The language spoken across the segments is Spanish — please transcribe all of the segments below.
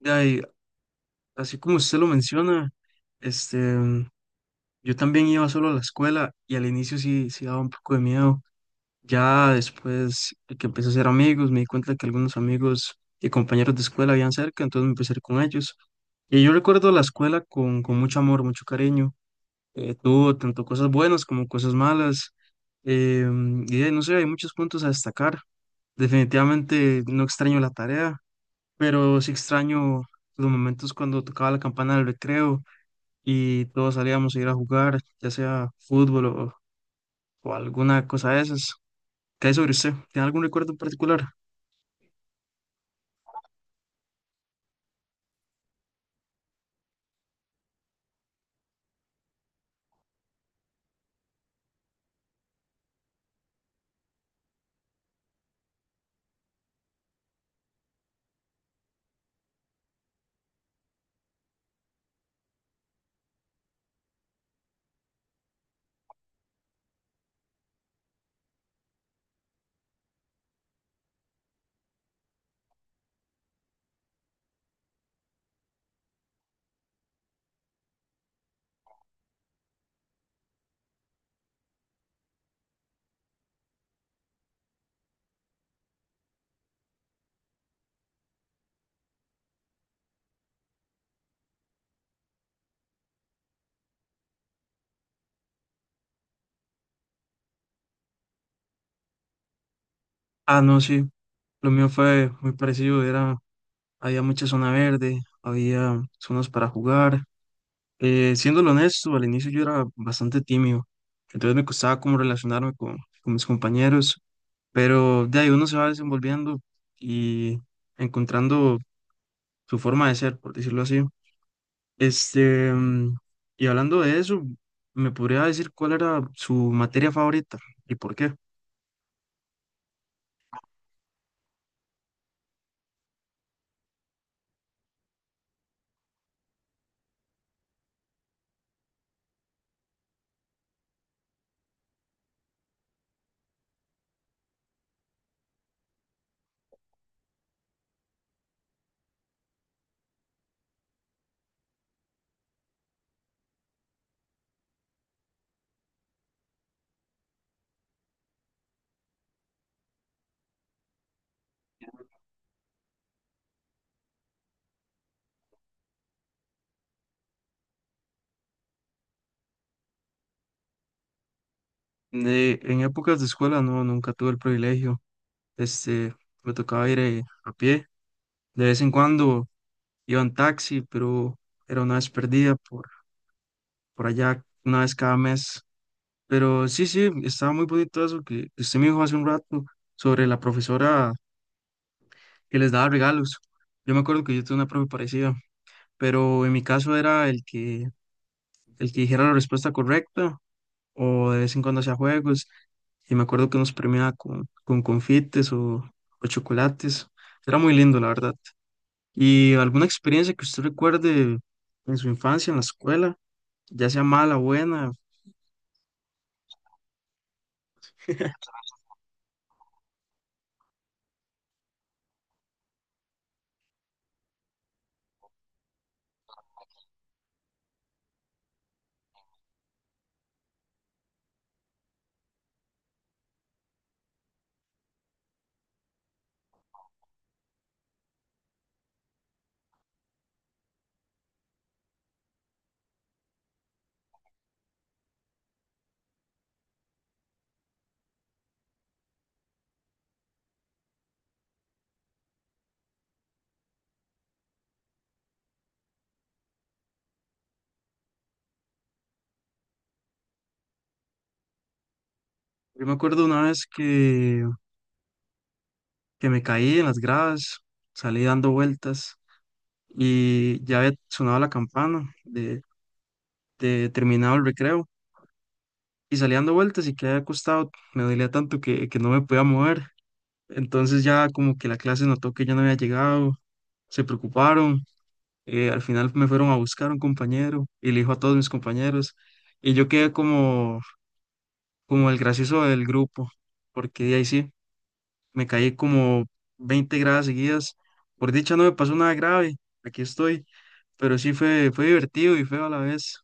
Ya, y así como usted lo menciona, este, yo también iba solo a la escuela y al inicio sí daba un poco de miedo. Ya después de que empecé a hacer amigos, me di cuenta que algunos amigos y compañeros de escuela habían cerca, entonces me empecé a ir con ellos. Y yo recuerdo la escuela con mucho amor, mucho cariño. Tuvo tanto cosas buenas como cosas malas. No sé, hay muchos puntos a destacar. Definitivamente no extraño la tarea, pero sí extraño los momentos cuando tocaba la campana del recreo y todos salíamos a ir a jugar, ya sea o alguna cosa de esas. ¿Qué hay sobre usted? ¿Tiene algún recuerdo en particular? Ah, no, sí, lo mío fue muy parecido. Había mucha zona verde, había zonas para jugar. Siéndolo honesto, al inicio yo era bastante tímido, entonces me costaba como con mis compañeros, pero de ahí uno se va desenvolviendo y encontrando su forma de ser, por decirlo así. Este, mm, y hablando de eso, ¿me podría decir cuál era su materia favorita y por qué? En épocas de escuela no, nunca tuve el privilegio. Este, Me tocaba ir a pie. De vez en cuando iba en taxi, pero era una vez perdida por allá, una vez cada mes. Pero sí, sí, estaba muy bonito eso que usted me dijo hace un rato sobre la profesora que les daba regalos. Yo me acuerdo que yo tuve una profe parecida, pero en mi caso era el que dijera la respuesta correcta o de vez en cuando hacía juegos, y me acuerdo que nos premiaba con o chocolates. Era muy lindo, la verdad. ¿Y alguna experiencia que usted recuerde en su infancia, en la escuela, ya sea mala o buena? Yo me acuerdo una vez que me caí en las gradas, salí dando vueltas y ya había sonado la campana de terminado el recreo. Y salía dando vueltas y que había acostado, me dolía tanto que no me podía mover. Entonces ya como que la clase notó que yo no había llegado, se preocuparon, al final me fueron a buscar un compañero y le dijo a todos mis compañeros, y yo quedé como el gracioso del grupo, porque de ahí sí, me caí como 20 gradas seguidas. Por dicha no me pasó nada grave, aquí estoy, pero sí fue divertido y feo a la vez.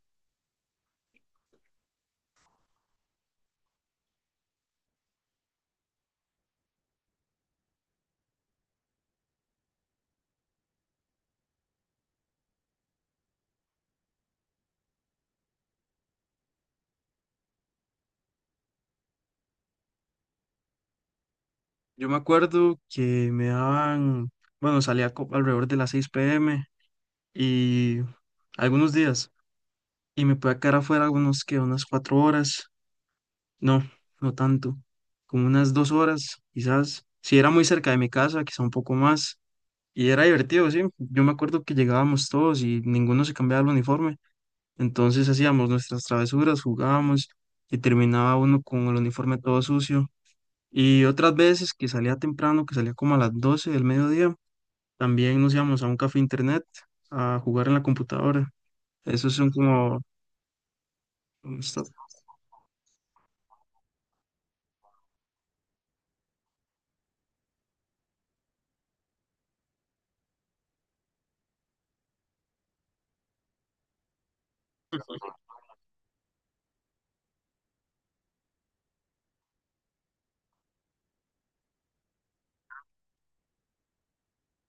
Yo me acuerdo que me daban... Bueno, alrededor de las 6 p.m. y algunos días y me pueda quedar afuera algunos que unas 4 horas, no, no tanto, como unas 2 horas quizás, si era muy cerca de mi casa, quizá un poco más, y era divertido, sí, yo me acuerdo que llegábamos todos y ninguno se cambiaba el uniforme, entonces hacíamos nuestras travesuras, jugábamos y terminaba uno con el uniforme todo sucio. Y otras veces que salía temprano, que salía como a las 12 del mediodía, también nos íbamos a un café internet a jugar en la computadora. Esos son como... Está-.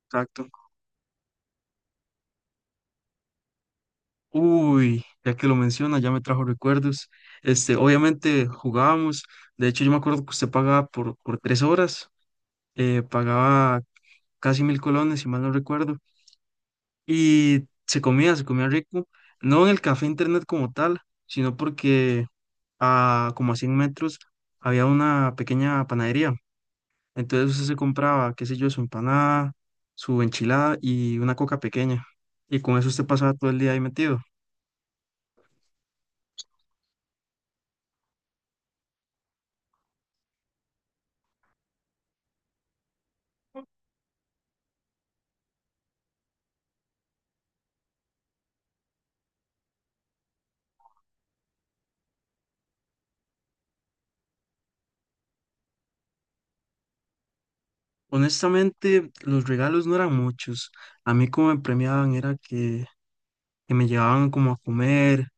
Exacto. Uy, ya que lo menciona, ya me trajo recuerdos. Obviamente jugábamos. De hecho, yo me acuerdo que usted pagaba por 3 horas, pagaba casi 1000 colones, si mal no recuerdo. Y se comía rico. No en el café internet como tal, sino porque a como a 100 metros había una pequeña panadería. Entonces usted se compraba, qué sé yo, su empanada, su enchilada y una coca pequeña. Y con eso usted pasaba todo el día ahí metido. Honestamente, los regalos no eran muchos. A mí como me premiaban era que me llevaban como a comer,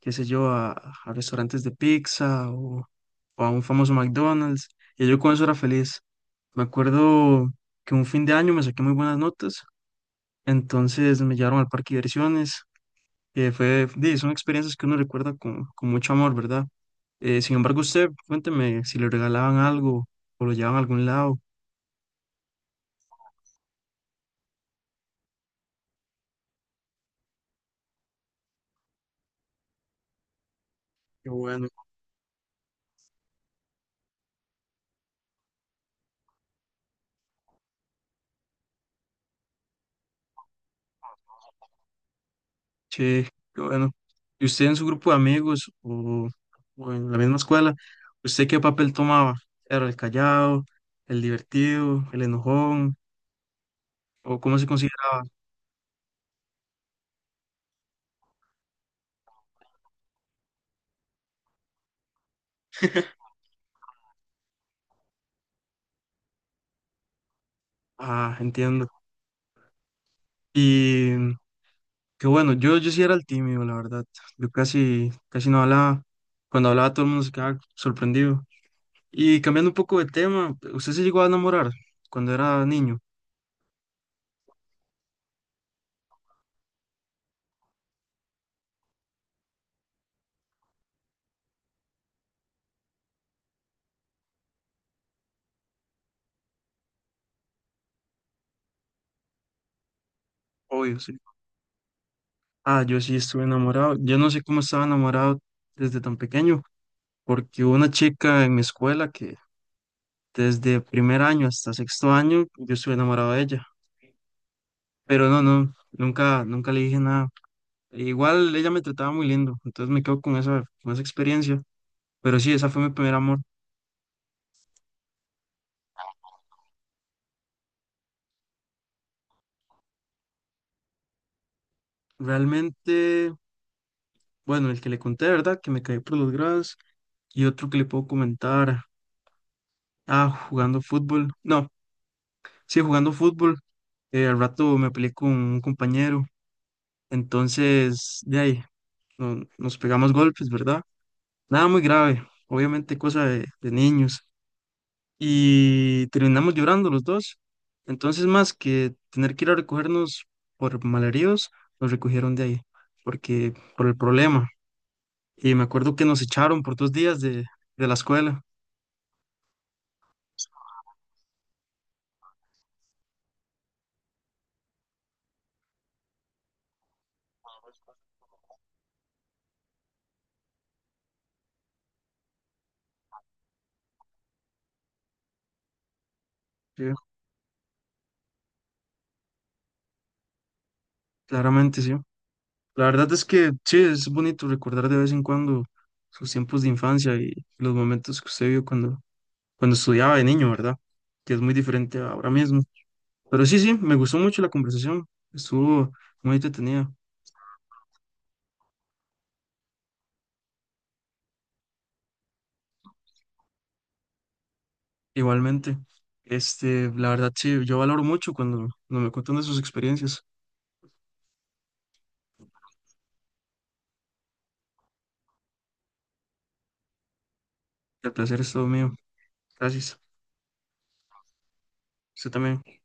qué sé yo, a restaurantes de o a un famoso McDonald's. Y yo con eso era feliz. Me acuerdo que un fin de año me saqué muy buenas notas, entonces me llevaron al parque de diversiones, que fue, di, son experiencias que uno recuerda con mucho amor, ¿verdad? Sin embargo, usted, cuénteme si le regalaban algo o lo llevaban a algún lado. Qué bueno. Che, qué bueno. ¿Y usted en su grupo de o en la misma escuela, usted qué papel tomaba? ¿Era el callado, el divertido, el enojón, o cómo se consideraba? Ah, entiendo. Y mm, Qué bueno, yo sí era el tímido, la verdad. Yo casi no hablaba. Cuando hablaba todo el mundo se quedaba sorprendido. Y cambiando un poco de tema, ¿usted se llegó a enamorar cuando era niño? Obvio, sí. Ah, yo sí estuve enamorado. Yo no sé cómo estaba enamorado desde tan pequeño, porque hubo una chica en mi escuela que desde primer año hasta sexto año yo estuve enamorado de ella, pero no, no, nunca le dije nada. Igual ella me trataba muy lindo, entonces me quedo con con esa experiencia, pero sí, esa fue mi primer amor. Realmente, bueno, el que le conté, ¿verdad? Que me caí por los grados y otro que le puedo comentar, ah, jugando fútbol, no, sí, jugando fútbol. Al rato me peleé con un compañero, entonces de ahí nos pegamos golpes, ¿verdad? Nada muy grave, obviamente cosa de niños. Y terminamos llorando los dos. Entonces, más que tener que ir a recogernos por malheridos, nos recogieron de ahí, porque por el problema. Y me acuerdo que nos echaron por 2 días de la escuela. Sí, claramente sí. La verdad es que sí, es bonito recordar de vez en cuando sus tiempos de infancia y los momentos que usted vio cuando estudiaba de niño, ¿verdad? Que es muy diferente a ahora mismo. Pero sí, sí, me gustó mucho la conversación. Estuvo muy entretenida. Igualmente, la verdad sí, yo valoro mucho cuando me cuentan de sus experiencias. El placer es todo mío. Gracias. Usted también.